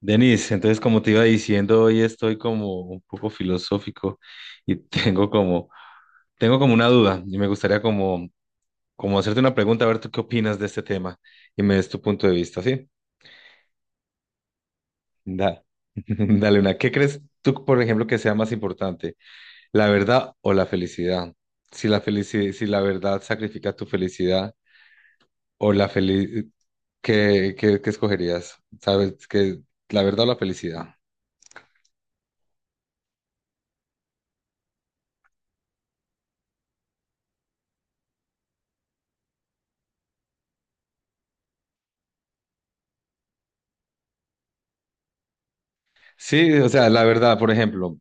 Denis, entonces como te iba diciendo, hoy estoy como un poco filosófico y tengo como una duda y me gustaría como hacerte una pregunta, a ver tú qué opinas de este tema y me des tu punto de vista, ¿sí? Da, dale una. ¿Qué crees tú, por ejemplo, que sea más importante, la verdad o la felicidad? Si la felici- si la verdad sacrifica tu felicidad o la felicidad, ¿qué escogerías? ¿Sabes? ¿Que la verdad o la felicidad? Sí, o sea, la verdad, por ejemplo.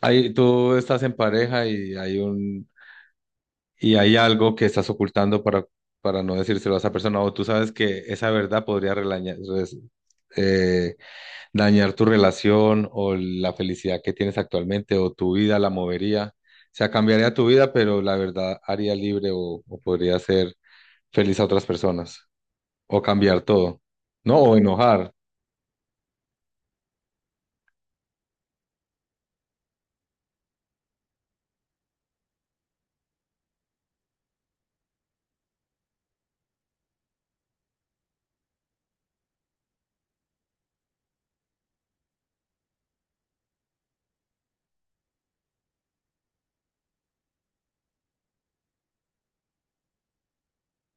Ahí tú estás en pareja y hay un y hay algo que estás ocultando para no decírselo a esa persona, o tú sabes que esa verdad podría eh, dañar tu relación o la felicidad que tienes actualmente o tu vida la movería. O sea, cambiaría tu vida, pero la verdad haría libre o podría hacer feliz a otras personas o cambiar todo, ¿no? O enojar.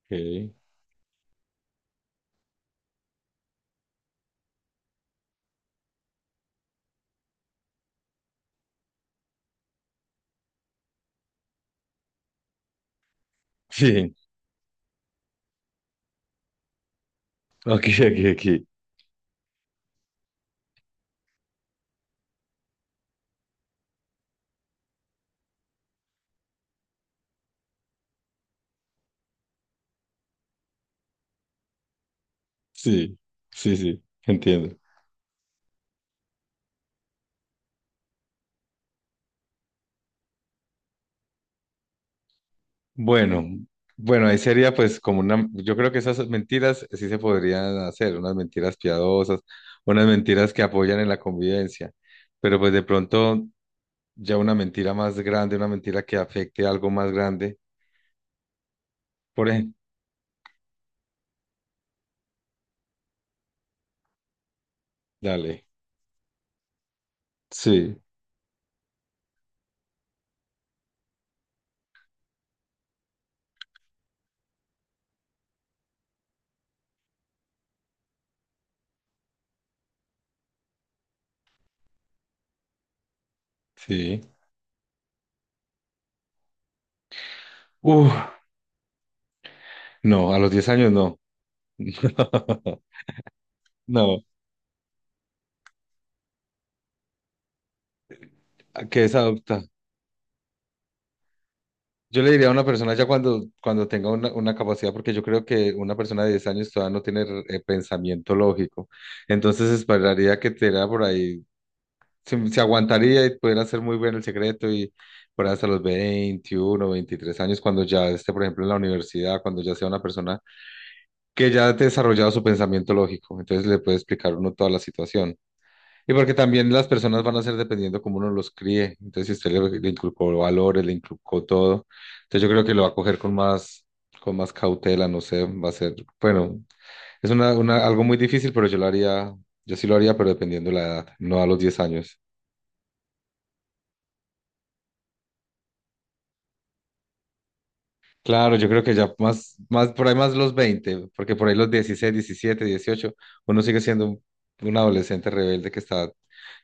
Ok. Sí, aquí, aquí, aquí. Sí, sí, sí, entiendo. Bueno, bueno, ahí sería pues yo creo que esas mentiras sí se podrían hacer, unas mentiras piadosas, unas mentiras que apoyan en la convivencia, pero pues de pronto ya una mentira más grande, una mentira que afecte a algo más grande, por ejemplo, dale, sí, sí, uf, no, a los 10 años no, no, que es adoptar. Yo le diría a una persona ya cuando tenga una capacidad, porque yo creo que una persona de 10 años todavía no tiene pensamiento lógico. Entonces esperaría que te diera por ahí, se aguantaría y pudiera hacer muy bien el secreto y por ahí hasta los 21 23 años, cuando ya esté, por ejemplo, en la universidad, cuando ya sea una persona que ya ha desarrollado su pensamiento lógico. Entonces le puede explicar uno toda la situación. Y porque también las personas van a ser dependiendo cómo uno los críe. Entonces, si usted le inculcó valores, le inculcó todo, entonces yo creo que lo va a coger con más cautela, no sé, va a ser, bueno, es algo muy difícil, pero yo lo haría, yo sí lo haría, pero dependiendo la edad, no a los 10 años. Claro, yo creo que ya más, más, por ahí más los 20, porque por ahí los 16, 17, 18, uno sigue siendo un adolescente rebelde que está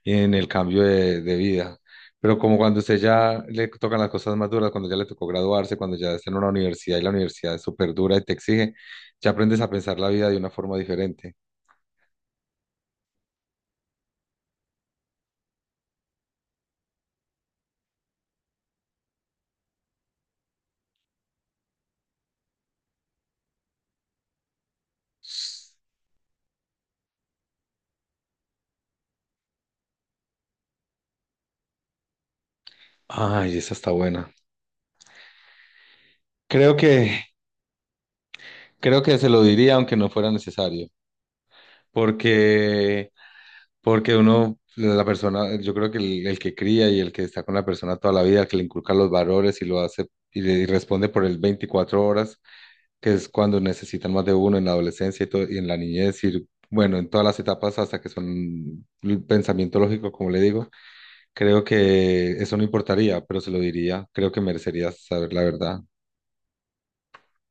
en el cambio de vida. Pero como cuando usted ya le tocan las cosas más duras, cuando ya le tocó graduarse, cuando ya está en una universidad y la universidad es súper dura y te exige, ya aprendes a pensar la vida de una forma diferente. Ay, esa está buena. Creo que, creo que se lo diría aunque no fuera necesario, porque Porque uno, la persona, yo creo que el que cría y el que está con la persona toda la vida, el que le inculca los valores y lo hace y responde por el 24 horas, que es cuando necesitan más de uno en la adolescencia y en la niñez y bueno, en todas las etapas hasta que son el pensamiento lógico, como le digo, creo que eso no importaría, pero se lo diría, creo que merecería saber la verdad.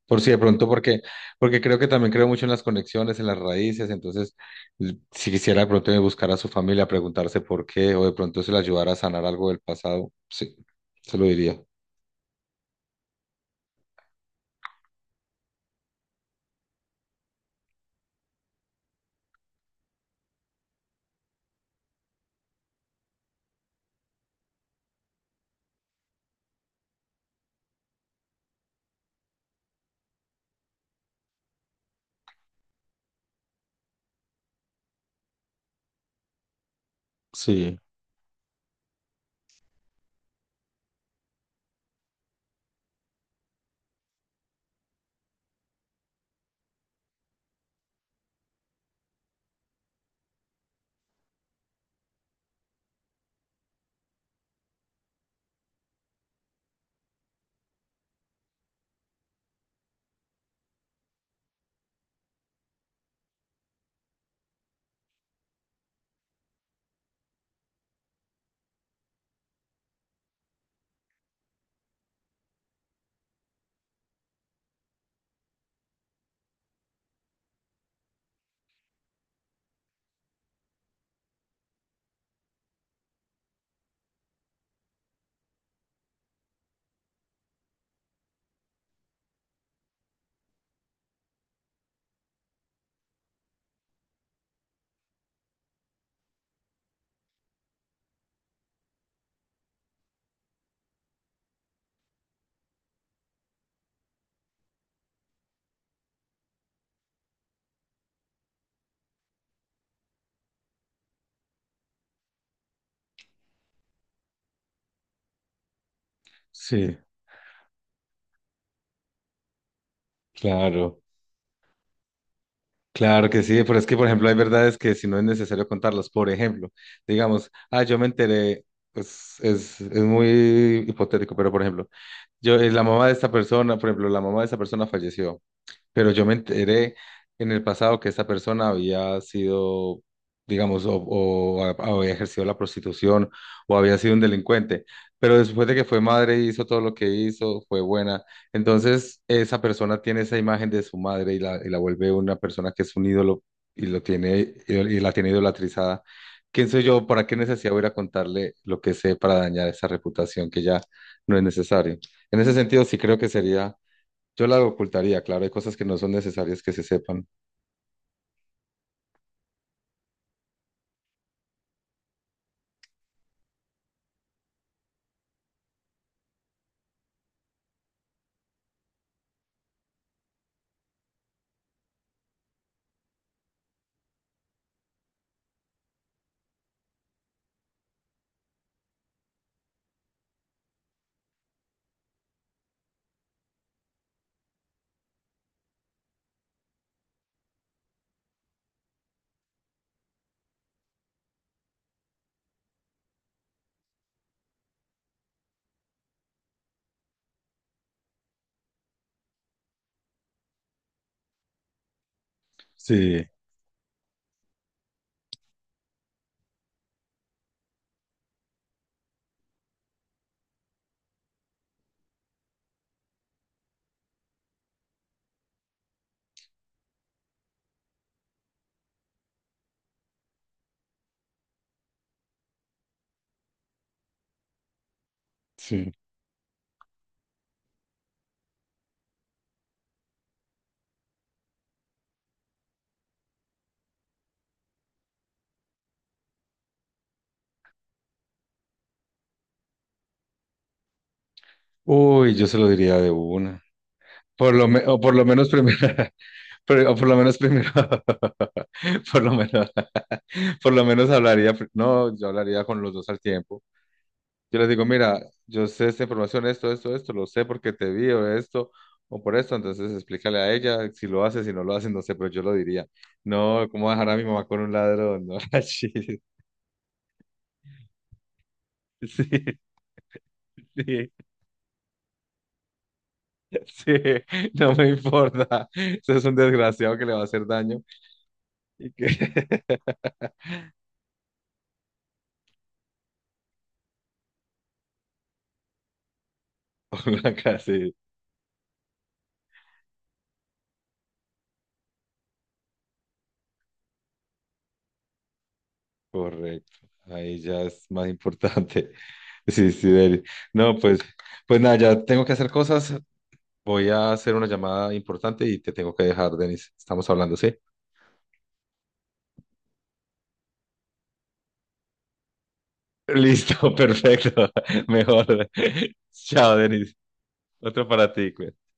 Por si de pronto, porque creo que también creo mucho en las conexiones, en las raíces, entonces si quisiera de pronto buscar a su familia, preguntarse por qué, o de pronto se le ayudara a sanar algo del pasado, sí, se lo diría. Sí, sí, claro, claro que sí, pero es que, por ejemplo, hay verdades que si no es necesario contarlas, por ejemplo, digamos, ah, yo me enteré, pues es muy hipotético, pero por ejemplo, yo, la mamá de esta persona, por ejemplo, la mamá de esta persona falleció. Pero yo me enteré en el pasado que esta persona había sido, digamos, o había ejercido la prostitución o había sido un delincuente, pero después de que fue madre hizo todo lo que hizo, fue buena. Entonces, esa persona tiene esa imagen de su madre y la vuelve una persona que es un ídolo y lo tiene y la tiene idolatrizada. ¿Quién soy yo? ¿Para qué necesidad voy a ir a contarle lo que sé para dañar esa reputación que ya no es necesario? En ese sentido, sí creo que sería, yo la ocultaría, claro, hay cosas que no son necesarias que se sepan. Sí, sí. Uy, yo se lo diría de una. O por lo menos primero, o por lo menos primero, por lo menos, por lo menos hablaría, no, yo hablaría con los dos al tiempo. Yo les digo, mira, yo sé esta información, esto, lo sé porque te vi o esto, o por esto, entonces explícale a ella si lo hace, si no lo hace, no sé, pero yo lo diría. No, ¿cómo dejar a mi mamá con un ladrón? No, sí, sí, sí. Sí, no me importa. Eso es un desgraciado que le va a hacer daño y que ponga casi correcto. Ahí ya es más importante. Sí, sí, Deli. No, pues nada, ya tengo que hacer cosas. Voy a hacer una llamada importante y te tengo que dejar, Denis. Estamos hablando, ¿sí? Listo, perfecto. Mejor. Chao, Denis. Otro para ti, cuídate.